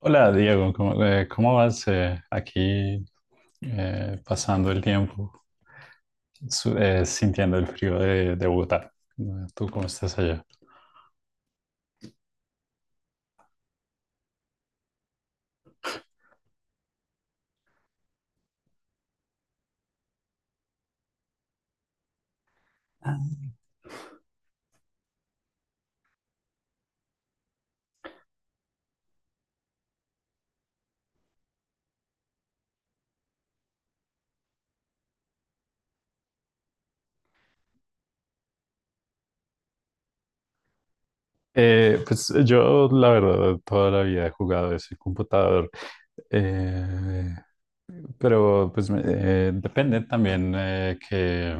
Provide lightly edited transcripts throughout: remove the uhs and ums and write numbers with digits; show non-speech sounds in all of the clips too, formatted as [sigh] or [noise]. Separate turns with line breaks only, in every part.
Hola Diego, ¿cómo, cómo vas aquí pasando el tiempo, sintiendo el frío de Bogotá? ¿Tú cómo estás allá? Ah. Pues yo la verdad toda la vida he jugado ese computador. Eh, Pero pues depende también, qué,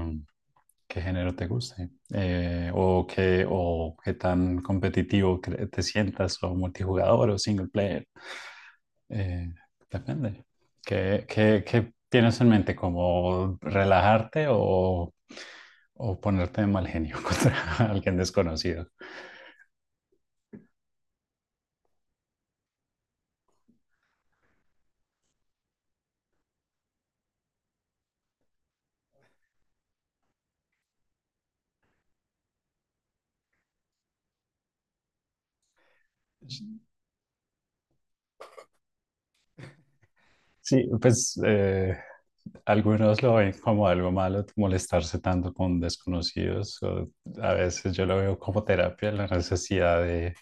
qué género te guste, o qué, o qué tan competitivo te sientas, o multijugador o single player. Eh, depende. ¿Qué, qué tienes en mente? ¿Como relajarte, o ponerte de mal genio [laughs] contra alguien desconocido? Sí, pues algunos lo ven como algo malo, molestarse tanto con desconocidos. O a veces yo lo veo como terapia, la necesidad de,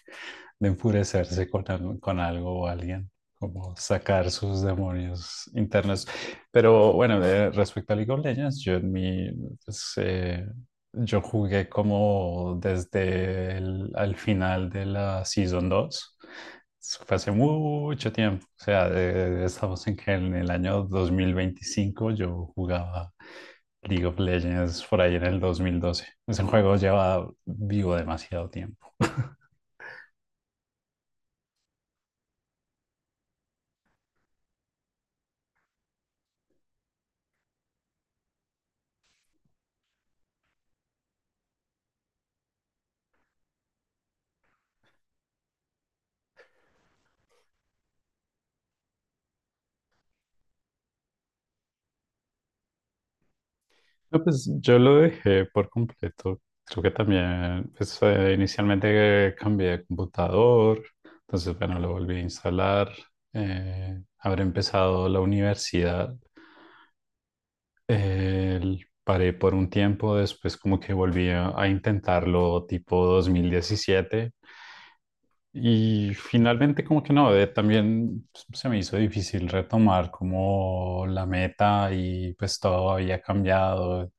de enfurecerse con algo o alguien, como sacar sus demonios internos. Pero bueno, respecto a League of Legends, yo en mi, pues, yo jugué como desde el al final de la Season 2. Eso fue hace mucho tiempo. O sea, estamos en que en el año 2025, yo jugaba League of Legends por ahí en el 2012. Ese juego lleva vivo demasiado tiempo. No, pues yo lo dejé por completo. Creo que también, pues inicialmente cambié de computador, entonces bueno, lo volví a instalar. Habré empezado la universidad, paré por un tiempo, después como que volví a intentarlo tipo 2017. Y finalmente como que no, también pues, se me hizo difícil retomar como la meta, y pues todo había cambiado,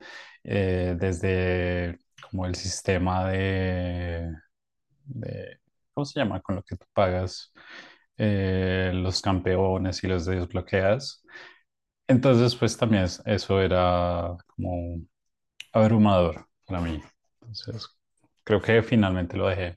desde como el sistema de- ¿cómo se llama? Con lo que tú pagas los campeones y los desbloqueas. Entonces pues también eso era como abrumador para mí. Entonces creo que finalmente lo dejé.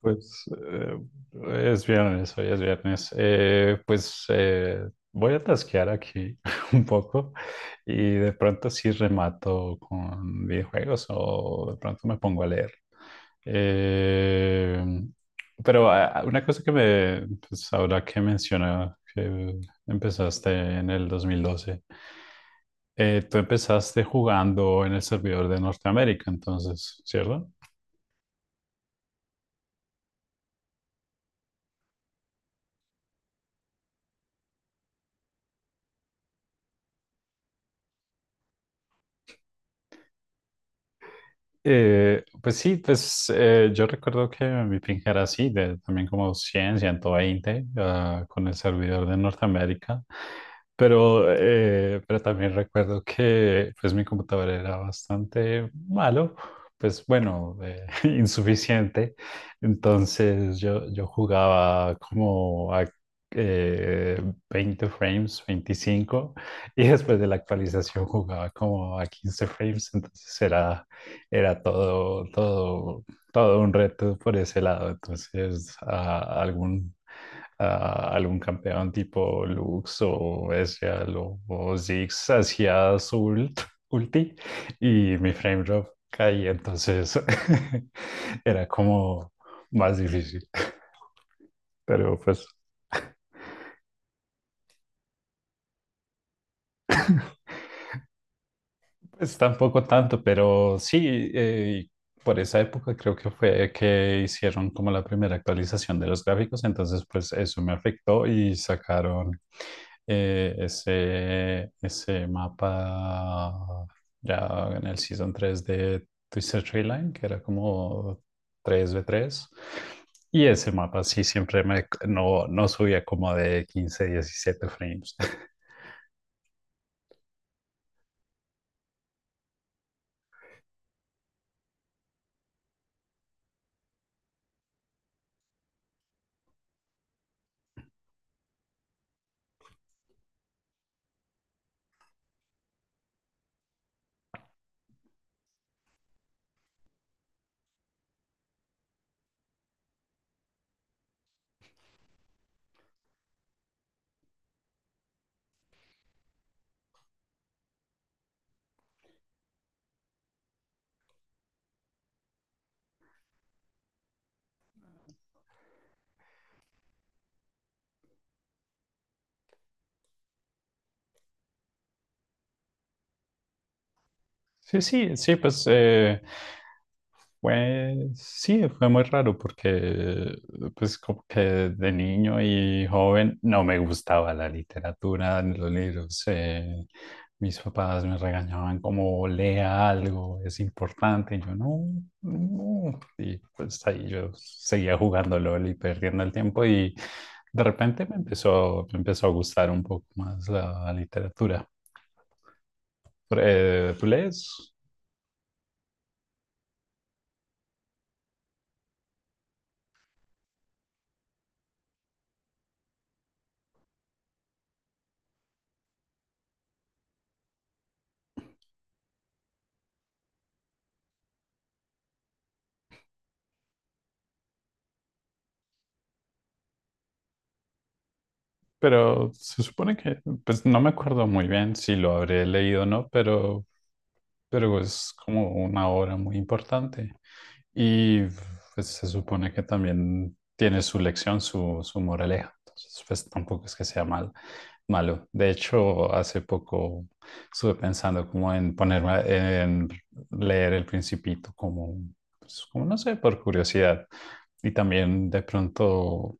Pues eh, es viernes, hoy es viernes. Pues voy a tasquear aquí [laughs] un poco, y de pronto sí remato con videojuegos, o de pronto me pongo a leer. Eh, pero ah, una cosa que me, pues ahora que menciona que empezaste en el 2012, tú empezaste jugando en el servidor de Norteamérica, entonces, ¿cierto? Pues sí, pues yo recuerdo que mi ping era así, de, también como 100, 120, ah, con el servidor de Norteamérica, pero también recuerdo que pues mi computador era bastante malo, pues bueno, [laughs] insuficiente, entonces yo jugaba como a eh, 20 frames, 25, y después de la actualización jugaba como a 15 frames. Entonces era todo un reto por ese lado. Entonces, a algún campeón tipo Lux o Ezreal o Ziggs hacía su ulti, y mi frame drop caía. Entonces, [laughs] era como más difícil. Pero pues... [laughs] Pues tampoco tanto, pero sí, por esa época creo que fue que hicieron como la primera actualización de los gráficos, entonces pues eso me afectó, y sacaron ese mapa ya en el Season 3 de Twisted Tree Line, que era como 3v3. Y ese mapa sí siempre me, no, no subía como de 15, 17 frames. [laughs] Sí, sí, sí, pues sí, fue muy raro porque pues como que de niño y joven no me gustaba la literatura ni los libros. Mis papás me regañaban como lea algo, es importante. Y yo no, no. Y pues ahí yo seguía jugando LOL y perdiendo el tiempo, y de repente me empezó a gustar un poco más la literatura. Pero, ¿tú lees? Pero se supone que, pues no me acuerdo muy bien si lo habré leído o no, pero es como una obra muy importante. Y pues se supone que también tiene su lección, su moraleja. Entonces, pues tampoco es que sea malo. De hecho, hace poco estuve pensando como en ponerme, en leer El Principito, como pues, como no sé, por curiosidad. Y también de pronto,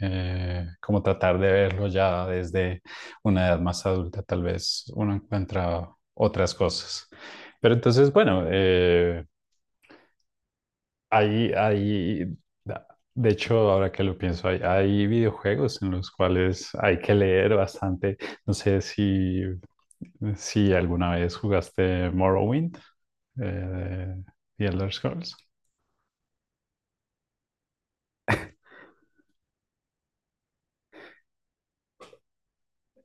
como tratar de verlo ya desde una edad más adulta, tal vez uno encuentra otras cosas. Pero entonces, bueno, hay, hay, de hecho, ahora que lo pienso, hay videojuegos en los cuales hay que leer bastante. No sé si alguna vez jugaste Morrowind, de The Elder Scrolls.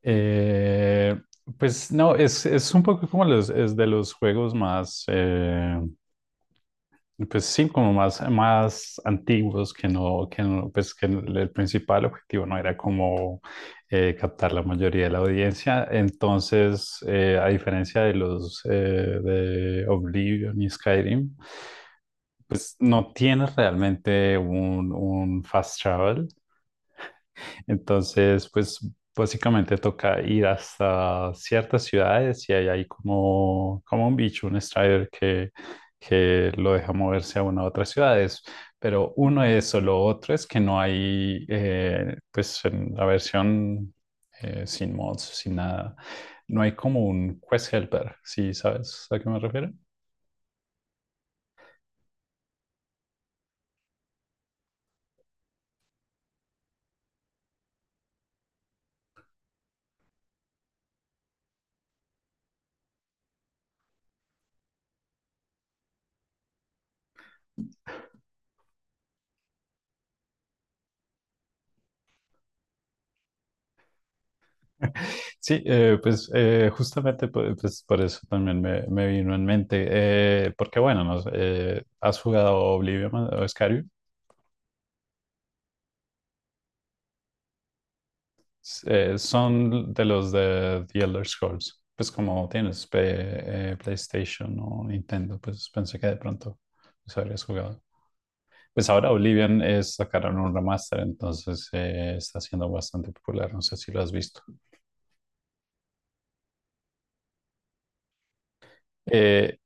Eh, pues no, es un poco como los, es de los juegos más, pues sí, como más antiguos que no, pues que el principal objetivo no era como captar la mayoría de la audiencia. Entonces, a diferencia de los de Oblivion y Skyrim, pues no tienes realmente un fast travel. Entonces, pues básicamente toca ir hasta ciertas ciudades, y ahí hay como un bicho, un Strider que lo deja moverse a una u otras ciudades. Pero uno es solo, otro es que no hay, pues en la versión sin mods, sin nada, no hay como un quest helper, ¿sí sabes a qué me refiero? [laughs] Sí, pues justamente pues, por eso también me vino en mente, porque bueno, no sé, ¿has jugado Oblivion o Skyrim? Son de los de The Elder Scrolls, pues como tienes PlayStation o Nintendo, pues pensé que de pronto los habrías jugado. Pues ahora Oblivion es, sacaron un remaster, entonces está siendo bastante popular, no sé si lo has visto. Eh,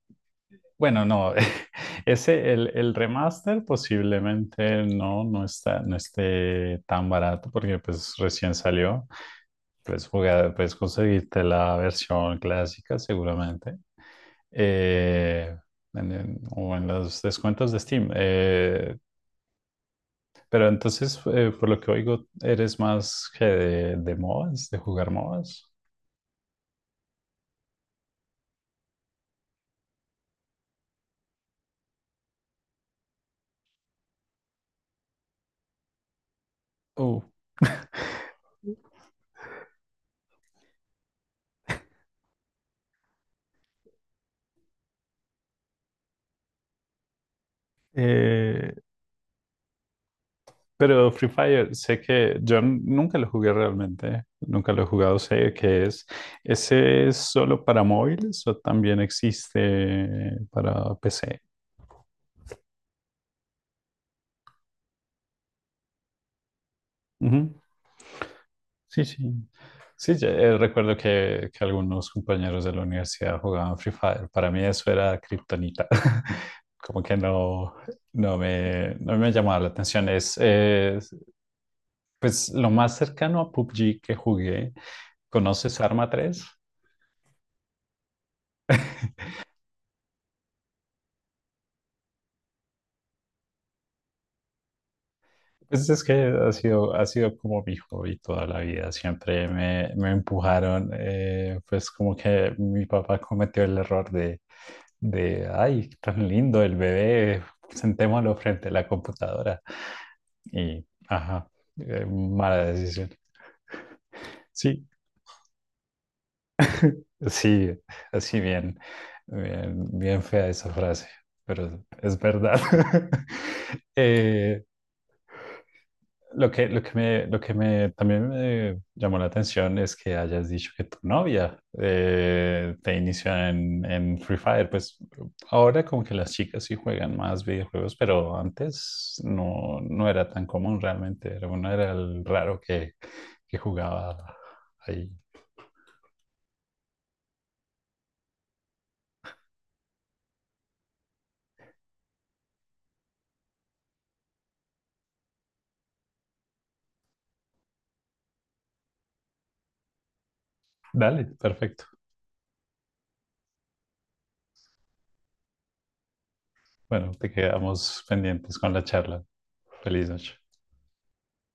bueno, no, [laughs] ese, el remaster posiblemente no, no está, no esté tan barato porque pues recién salió. Puedes jugar, puedes conseguirte la versión clásica seguramente, eh, o en los descuentos de Steam. Pero entonces, por lo que oigo, eres más que de MOBAs, de jugar MOBAs. Uh, [laughs] eh, Pero Free Fire, sé que yo nunca lo jugué realmente, nunca lo he jugado, sé que es. ¿Ese es solo para móviles o también existe para PC? Ujú. Sí, sí. Sí, ya, recuerdo que algunos compañeros de la universidad jugaban Free Fire. Para mí eso era kriptonita. [laughs] Como que no, no me llamaba la atención. Es, pues lo más cercano a PUBG que jugué. ¿Conoces Arma 3? Pues es que ha sido como mi hobby toda la vida. Siempre me empujaron, pues como que mi papá cometió el error de, ay, tan lindo el bebé, sentémoslo frente a la computadora. Y, ajá, mala decisión. Sí, sí, así bien, bien, bien fea esa frase, pero es verdad. [laughs] Eh, Lo que, lo que me también me llamó la atención es que hayas dicho que tu novia te inició en Free Fire. Pues ahora como que las chicas sí juegan más videojuegos, pero antes no, no era tan común realmente. Era uno era el raro que jugaba ahí. Dale, perfecto. Bueno, te quedamos pendientes con la charla. Feliz noche.